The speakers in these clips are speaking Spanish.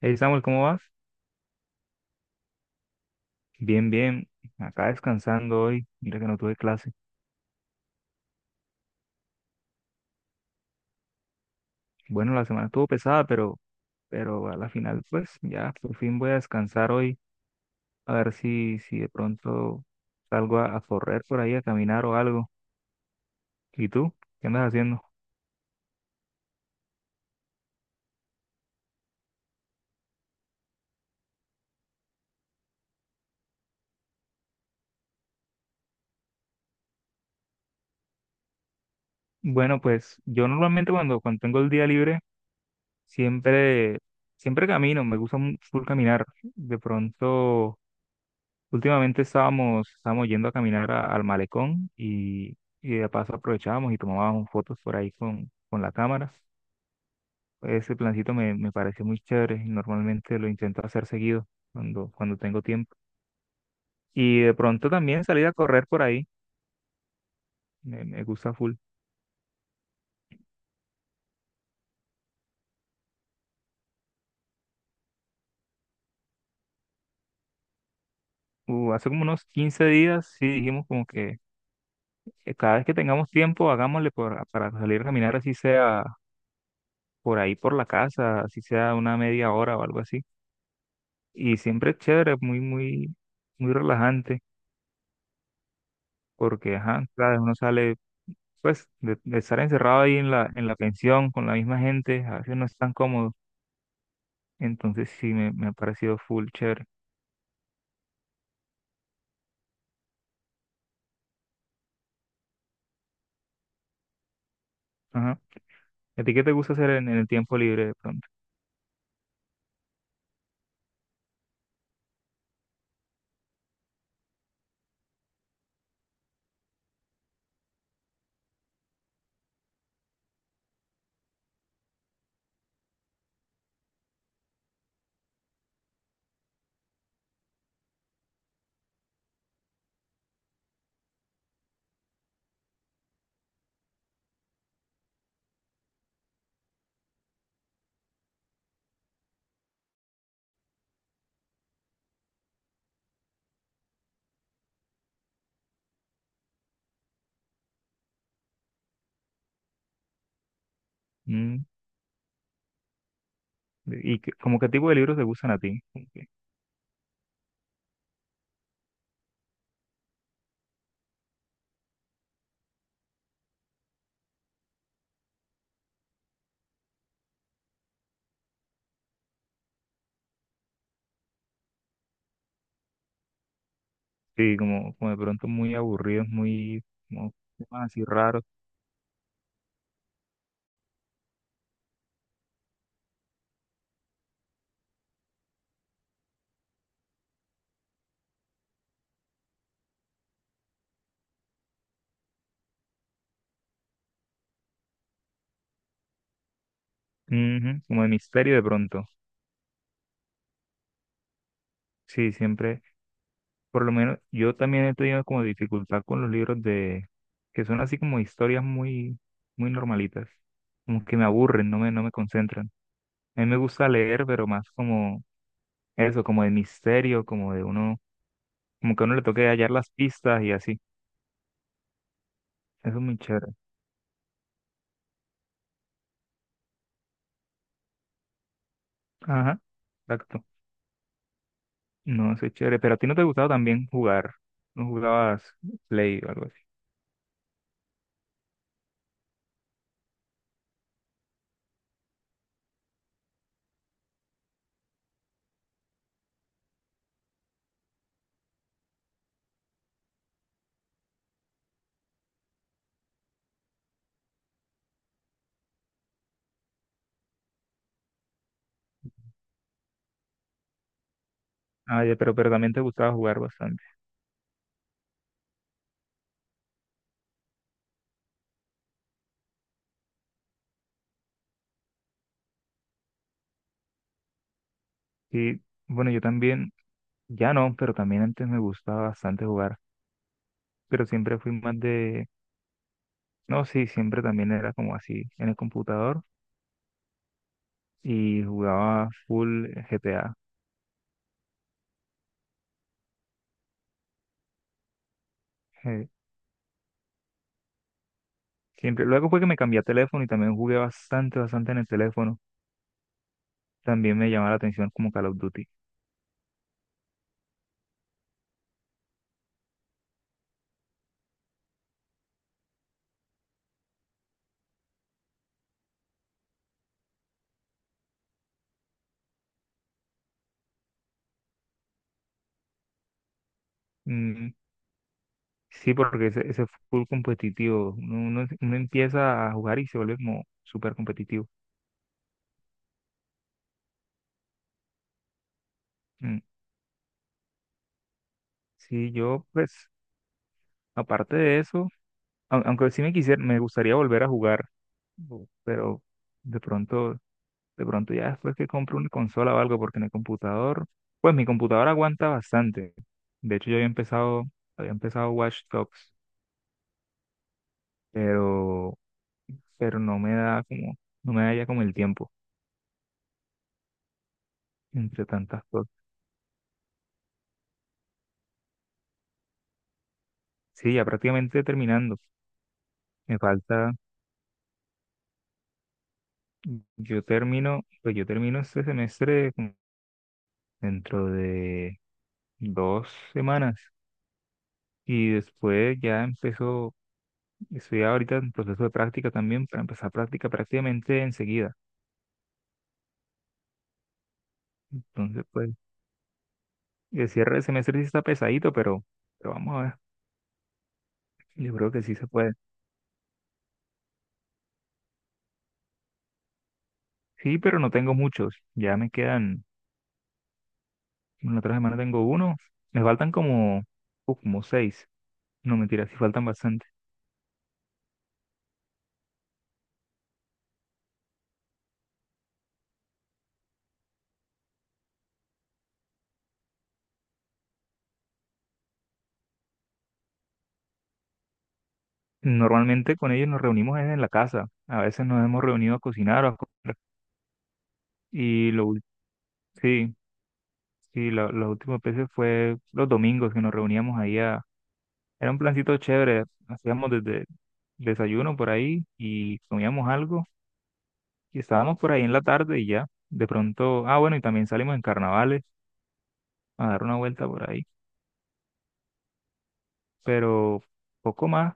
Hey Samuel, ¿cómo vas? Bien, bien. Acá descansando hoy. Mira que no tuve clase. Bueno, la semana estuvo pesada, pero a la final, pues ya, por fin voy a descansar hoy. A ver si de pronto salgo a correr por ahí, a caminar o algo. ¿Y tú? ¿Qué andas haciendo? Bueno, pues yo normalmente cuando tengo el día libre, siempre, siempre camino. Me gusta full caminar. De pronto. Últimamente estábamos yendo a caminar al malecón y de paso aprovechábamos y tomábamos fotos por ahí con la cámara. Ese plancito me pareció muy chévere y normalmente lo intento hacer seguido cuando tengo tiempo. Y de pronto también salir a correr por ahí, me gusta full. Hace como unos 15 días sí dijimos como que cada vez que tengamos tiempo hagámosle para salir a caminar así sea por ahí por la casa, así sea una media hora o algo así. Y siempre es chévere, muy, muy, muy relajante, porque, ajá, sabes, uno sale, pues, de estar encerrado ahí en la pensión con la misma gente, a veces no es tan cómodo. Entonces sí, me ha parecido full chévere. Ajá. ¿A ti qué te gusta hacer en el tiempo libre de pronto? Mm. ¿Y como qué tipo de libros te gustan a ti? Como que- Sí, como de pronto muy aburridos, como temas así raros. Ujú, como de misterio de pronto. Sí, siempre. Por lo menos yo también he tenido como dificultad con los libros de que son así como historias muy muy normalitas, como que me aburren, no me concentran. A mí me gusta leer, pero más como eso, como de misterio, como de uno, como que a uno le toque hallar las pistas y así. Eso es muy chévere. Ajá, exacto. No, eso es chévere. Pero a ti no te gustaba también jugar, no jugabas Play o algo así. Ah, ya, pero también te gustaba jugar bastante. Sí, bueno, yo también, ya no, pero también antes me gustaba bastante jugar. Pero siempre fui más de, no, sí, siempre también era como así en el computador y jugaba full GTA. eh, siempre. Luego fue que me cambié a teléfono y también jugué bastante en el teléfono. También me llamaba la atención como Call of Duty. Mm, sí, porque ese full competitivo, uno empieza a jugar y se vuelve como súper competitivo. Mm, sí, yo pues, aparte de eso, aunque sí me quisiera, me gustaría volver a jugar, pero de pronto De pronto ya después que compro una consola o algo, porque en el computador, pues mi computador aguanta bastante. De hecho, yo había empezado Watch Dogs, pero, pero no me da ya como el tiempo entre tantas cosas. Sí, ya prácticamente terminando. Me falta, yo termino, pues yo termino este semestre como dentro de 2 semanas. Y después ya empezó, estoy ahorita en proceso de práctica también, para empezar práctica prácticamente enseguida. Entonces, pues. Y el cierre de semestre sí está pesadito, pero vamos a ver. Yo creo que sí se puede. Sí, pero no tengo muchos. Ya me quedan, en la otra semana tengo uno. Me faltan como seis. No, mentira, sí faltan bastante. Normalmente con ellos nos reunimos es en la casa. A veces nos hemos reunido a cocinar o a comer. Y lo, ul- sí, sí, las últimas veces fue los domingos que nos reuníamos ahí a. Era un plancito chévere. Hacíamos desde desayuno por ahí y comíamos algo. Y estábamos por ahí en la tarde y ya, de pronto, ah, bueno, y también salimos en carnavales a dar una vuelta por ahí, pero poco más.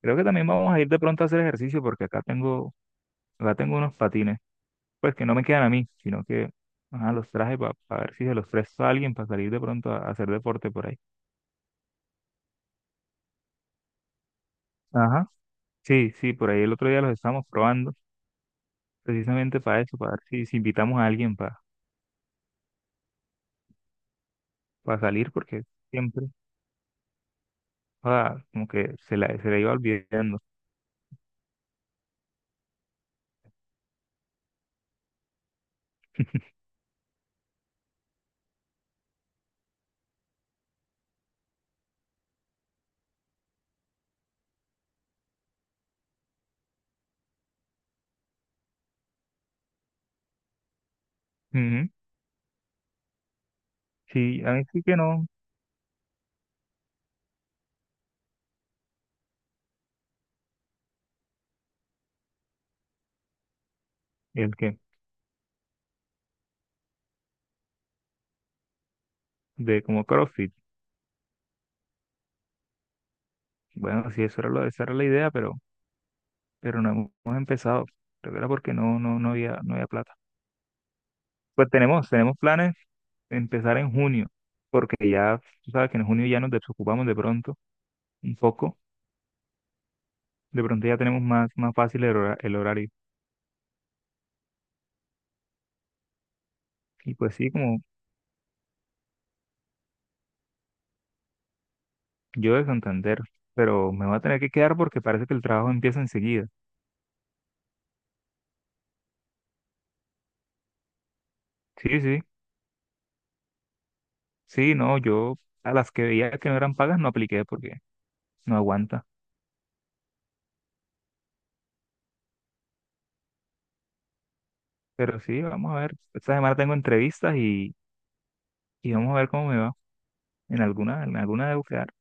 Creo que también vamos a ir de pronto a hacer ejercicio porque acá tengo unos patines, pues que no me quedan a mí, sino que ajá, los traje para ver si se los presto a alguien para salir de pronto a hacer deporte por ahí. Ajá. Sí, sí, por ahí el otro día los estábamos probando, precisamente para eso, para ver si invitamos a alguien para salir, porque siempre, ah, como que se la iba olvidando. Ujú. Sí, a mí sí que no. El que, de como CrossFit. Bueno, sí, eso era lo, esa era la idea, pero no hemos empezado. Creo que era porque no había plata. Pues tenemos planes de empezar en junio, porque ya, tú sabes que en junio ya nos desocupamos de pronto, un poco. De pronto ya tenemos más fácil el horario. Y pues sí, como yo de Santander, pero me voy a tener que quedar porque parece que el trabajo empieza enseguida. Sí, sí, sí, no, yo a las que veía que no eran pagas no apliqué porque no aguanta. Pero sí, vamos a ver. Esta semana tengo entrevistas y vamos a ver cómo me va. En alguna de bucear.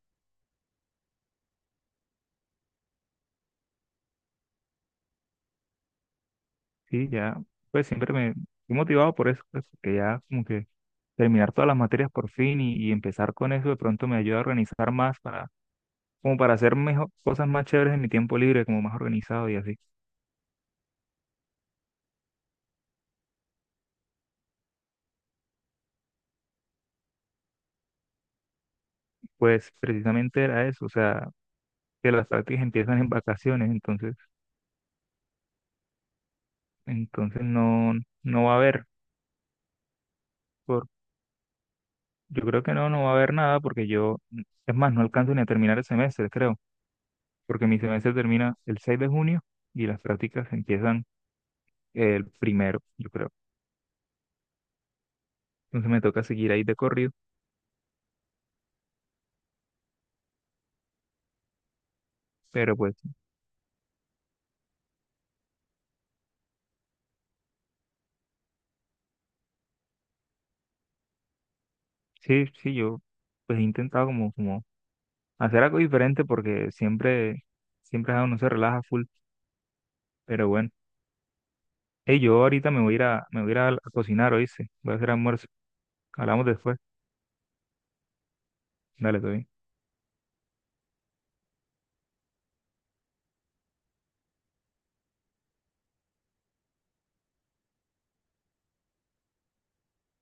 Sí, ya, pues siempre me estoy motivado por eso, pues, que ya como que terminar todas las materias por fin y empezar con eso de pronto me ayuda a organizar más como para hacer mejor, cosas más chéveres en mi tiempo libre, como más organizado y así. Pues precisamente era eso, o sea, que las prácticas empiezan en vacaciones, entonces no va a haber, por, yo creo que no va a haber nada porque yo, es más, no alcanzo ni a terminar el semestre, creo. Porque mi semestre termina el 6 de junio y las prácticas empiezan el primero, yo creo. Entonces me toca seguir ahí de corrido, pero pues sí, sí, yo pues he intentado como hacer algo diferente porque siempre uno se relaja full, pero bueno. Hey, yo ahorita me voy a ir a, me voy a ir a cocinar, ¿oíste? Voy a hacer almuerzo. Hablamos después. Dale, todo bien.